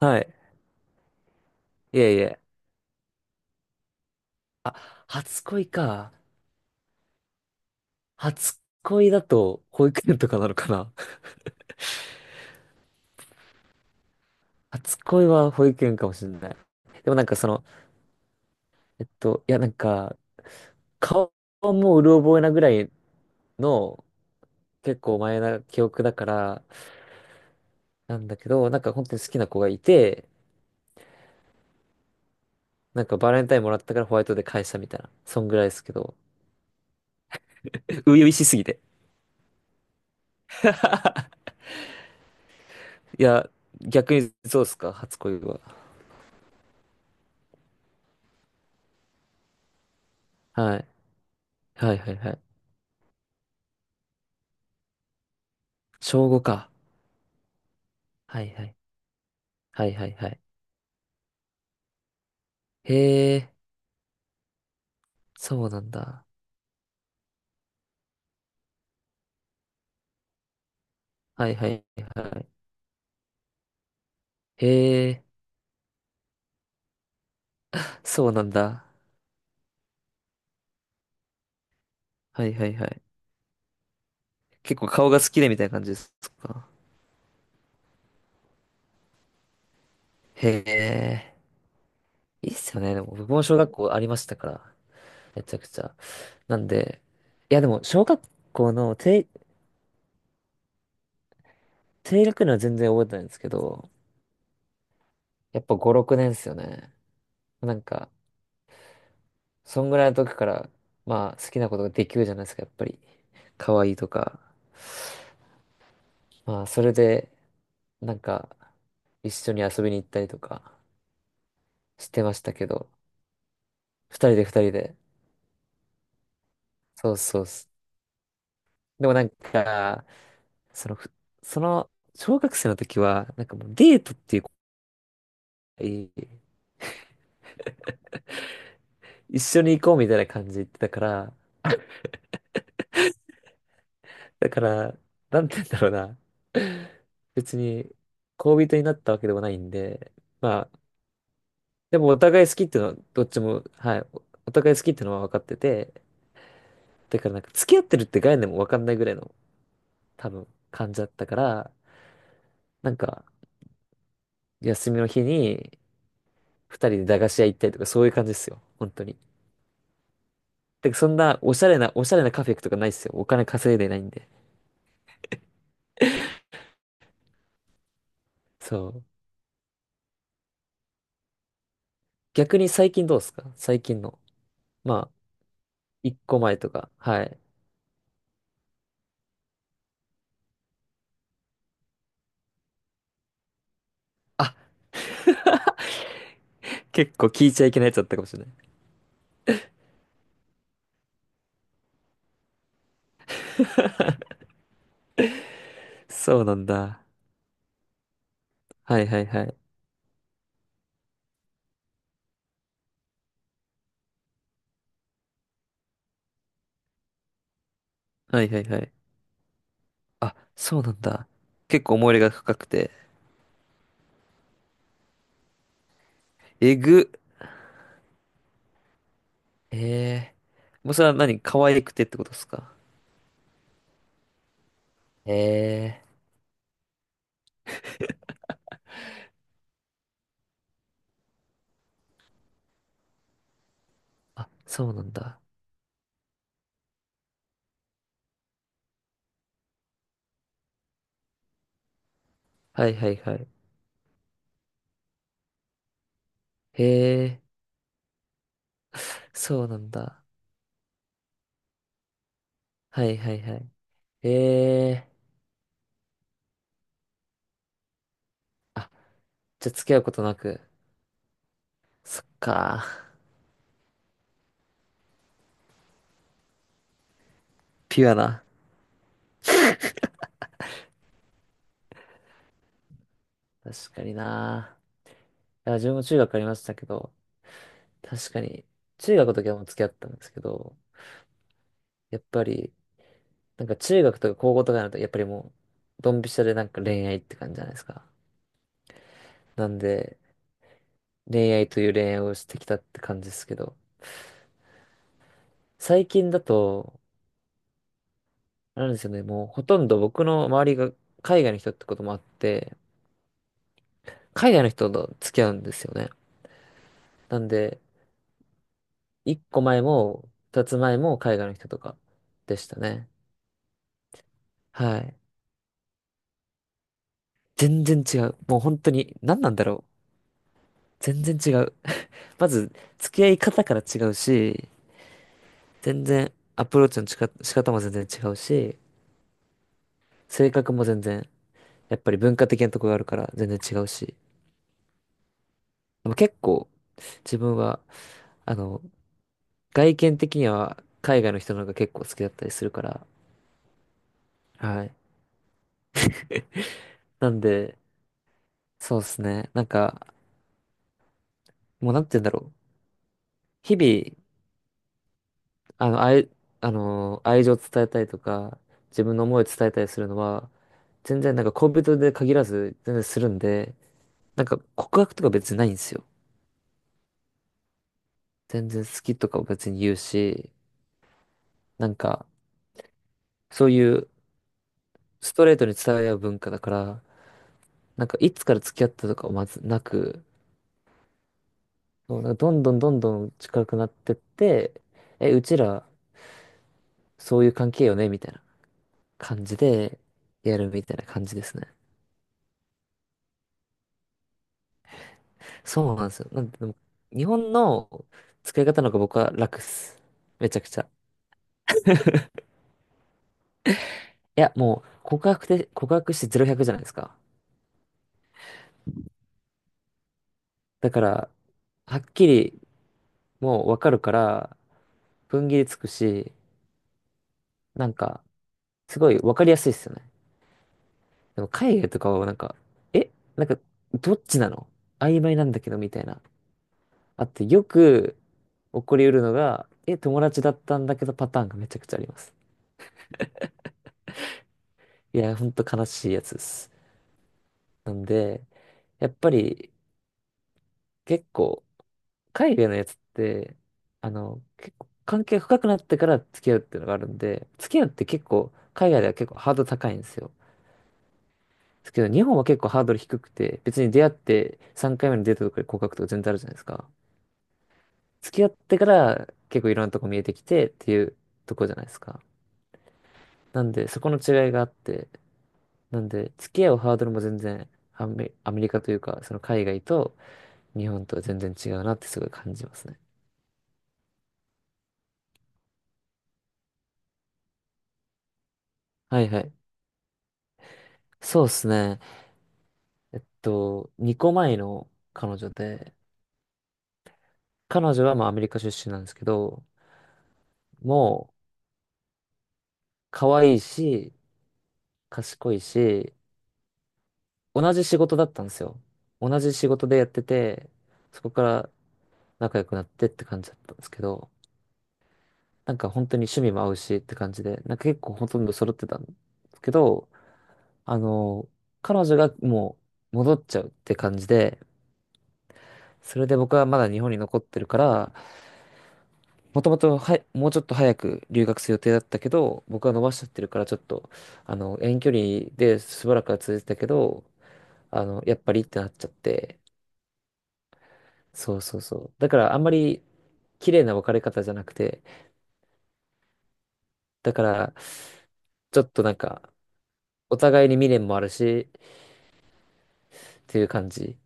はい。いえいえ。あ、初恋か。初恋だと保育園とかなのかな。初恋は保育園かもしれない。でもなんかその、いやなんか、顔もうる覚えなぐらいの結構前な記憶だから、なんだけど、なんか本当に好きな子がいて、なんかバレンタインもらったからホワイトで返したみたいな。そんぐらいですけど。初々しすぎて。いや、逆にそうっすか、初恋は。はい。はいはいはい。小五か。はいはい。はいはいはい。へえ、そうなんだ。はいはいはい。へえ、そうなんだ。はいはいはい。結構顔が好きでみたいな感じですか？へえ、いいっすよね。でも僕も小学校ありましたから。めちゃくちゃ。なんで、いやでも小学校の低学年は全然覚えてないんですけど、やっぱ5、6年っすよね。なんか、そんぐらいの時から、まあ好きなことができるじゃないですか、やっぱり。可愛いとか。まあそれで、なんか、一緒に遊びに行ったりとかしてましたけど、二人で二人で。そうそうっす。でもなんか、その、ふその、小学生の時は、なんかもうデートっていう子がいい、一緒に行こうみたいな感じで言ってたから、だから、なんて言うんだろうな。別に、恋人になったわけでもないんで、まあ、でもお互い好きっていうのは、どっちも、はい、お互い好きっていうのは分かってて、だからなんか付き合ってるって概念も分かんないぐらいの多分感じだったから、なんか休みの日に二人で駄菓子屋行ったりとかそういう感じですよ。本当に。で、そんなおしゃれな、おしゃれなカフェ行くとかないですよ。お金稼いでないんで。そう。逆に最近どうですか？最近の。まあ、一個前とか。はい。あ、結構聞いちゃいけないやつだったかもしれない。そうなんだ。はいはいはい。はいはいはい。あ、そうなんだ。結構思い入れが深くて。えぐ。ええー。もうそれは何可愛くてってことですか？ええー。あ、そうなんだ。はいはいはい。へえ、そうなんだ。はいはいはい。へえ、じゃあ付き合うことなく。そっか。ピュアな。確かにな。いや、自分も中学ありましたけど、確かに、中学の時はもう付き合ったんですけど、やっぱり、なんか中学とか高校とかになると、やっぱりもう、ドンピシャでなんか恋愛って感じじゃないですか。なんで、恋愛という恋愛をしてきたって感じですけど、最近だと、なんですよね。もうほとんど僕の周りが海外の人ってこともあって、海外の人と付き合うんですよね。なんで、一個前も二つ前も海外の人とかでしたね。はい。全然違う。もう本当に何なんだろう。全然違う。まず、付き合い方から違うし、全然アプローチの仕方も全然違うし、性格も全然、やっぱり文化的なとこがあるから全然違うし。でも結構自分は、あの、外見的には海外の人の方が結構好きだったりするから、はい。なんで、そうですね。なんか、もうなんて言うんだろう。日々、あの、愛、あの、愛情を伝えたりとか、自分の思いを伝えたりするのは、全然なんか恋人で限らず、全然するんで、なんか告白とか別にないんですよ。全然好きとかを別に言うし、なんか、そういうストレートに伝え合う文化だから、なんかいつから付き合ったとかはまずなく、そう、なんかどんどんどんどん近くなってって、え、うちら、そういう関係よねみたいな感じで、やるみたいな感じですね。そうなんですよ。なんで、でも日本の使い方の方が僕は楽っす。めちゃくちゃ。いや、もう、告白してゼロ百じゃないですか。だから、はっきり、もうわかるから、踏ん切りつくし、なんか、すごいわかりやすいっすよね。でも、海外とかはなんか、え、なんか、どっちなの曖昧なんだけど、みたいな。あと、よく起こりうるのが、え、友達だったんだけどパターンがめちゃくちゃあります。いや、ほんと悲しいやつです。なんで、やっぱり結構、海外のやつって、あの、結構関係深くなってから付き合うっていうのがあるんで、付き合うって結構、海外では結構ハードル高いんですよ。ですけど、日本は結構ハードル低くて、別に出会って3回目のデートとかで告白とか全然あるじゃないですか。付き合ってから結構いろんなとこ見えてきてっていうとこじゃないですか。なんで、そこの違いがあって、なんで、付き合うハードルも全然アメリカというか、その海外と日本とは全然違うなってすごい感じますね。はいはい。そうですね。えっと、2個前の彼女で、彼女はまあアメリカ出身なんですけど、もう可愛いし、賢いし、同じ仕事だったんですよ。同じ仕事でやってて、そこから仲良くなってって感じだったんですけど、なんか本当に趣味も合うしって感じで、なんか結構ほとんど揃ってたんですけど、あの、彼女がもう戻っちゃうって感じで、それで僕はまだ日本に残ってるから、もともとはもうちょっと早く留学する予定だったけど、僕は伸ばしちゃってるからちょっと、あの、遠距離でしばらくは続いてたけど、あの、やっぱりってなっちゃって、そうそうそう。だからあんまり綺麗な別れ方じゃなくて、だからちょっとなんか、お互いに未練もあるし、っていう感じ。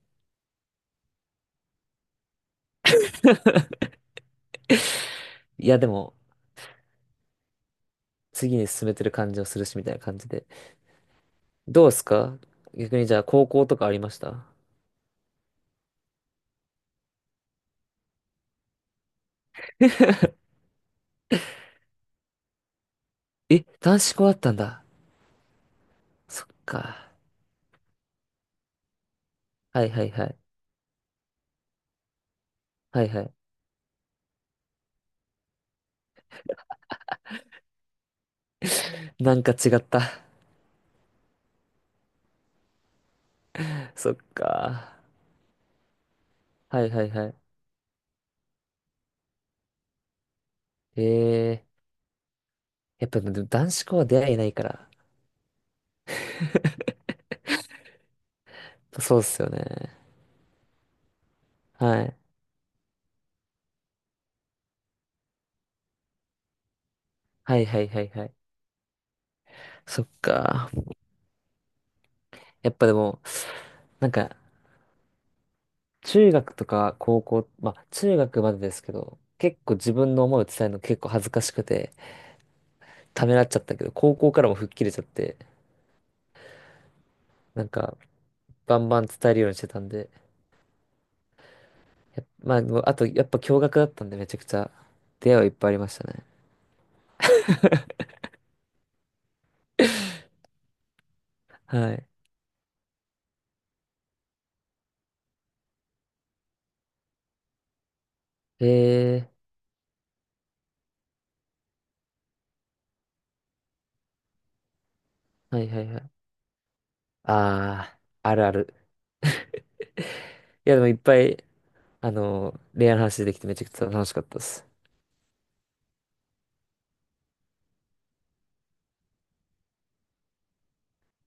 いや、でも、次に進めてる感じをするし、みたいな感じで。どうっすか逆にじゃあ高校とかありました？え、男子校あったんだ。そっか。はいはいはい。はいはい。なんか違った。そっか。はいはいはい。ええー、やっぱでも男子校は出会いないから。そうっすよね。はい。はいはいはいはい。そっか。やっぱでも、なんか、中学とか高校、まあ中学までですけど、結構自分の思いを伝えるの結構恥ずかしくて、ためらっちゃったけど、高校からも吹っ切れちゃって、なんか、バンバン伝えるようにしてたんで、やっまあ、もうあと、やっぱ驚愕だったんで、めちゃくちゃ、出会いはいっぱいありましたね。はい。えー、はいはいはい。あー、あるある。いや、でもいっぱい、あの、恋愛の話できてめちゃくちゃ楽しかったです。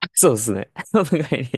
そうですね。お互いに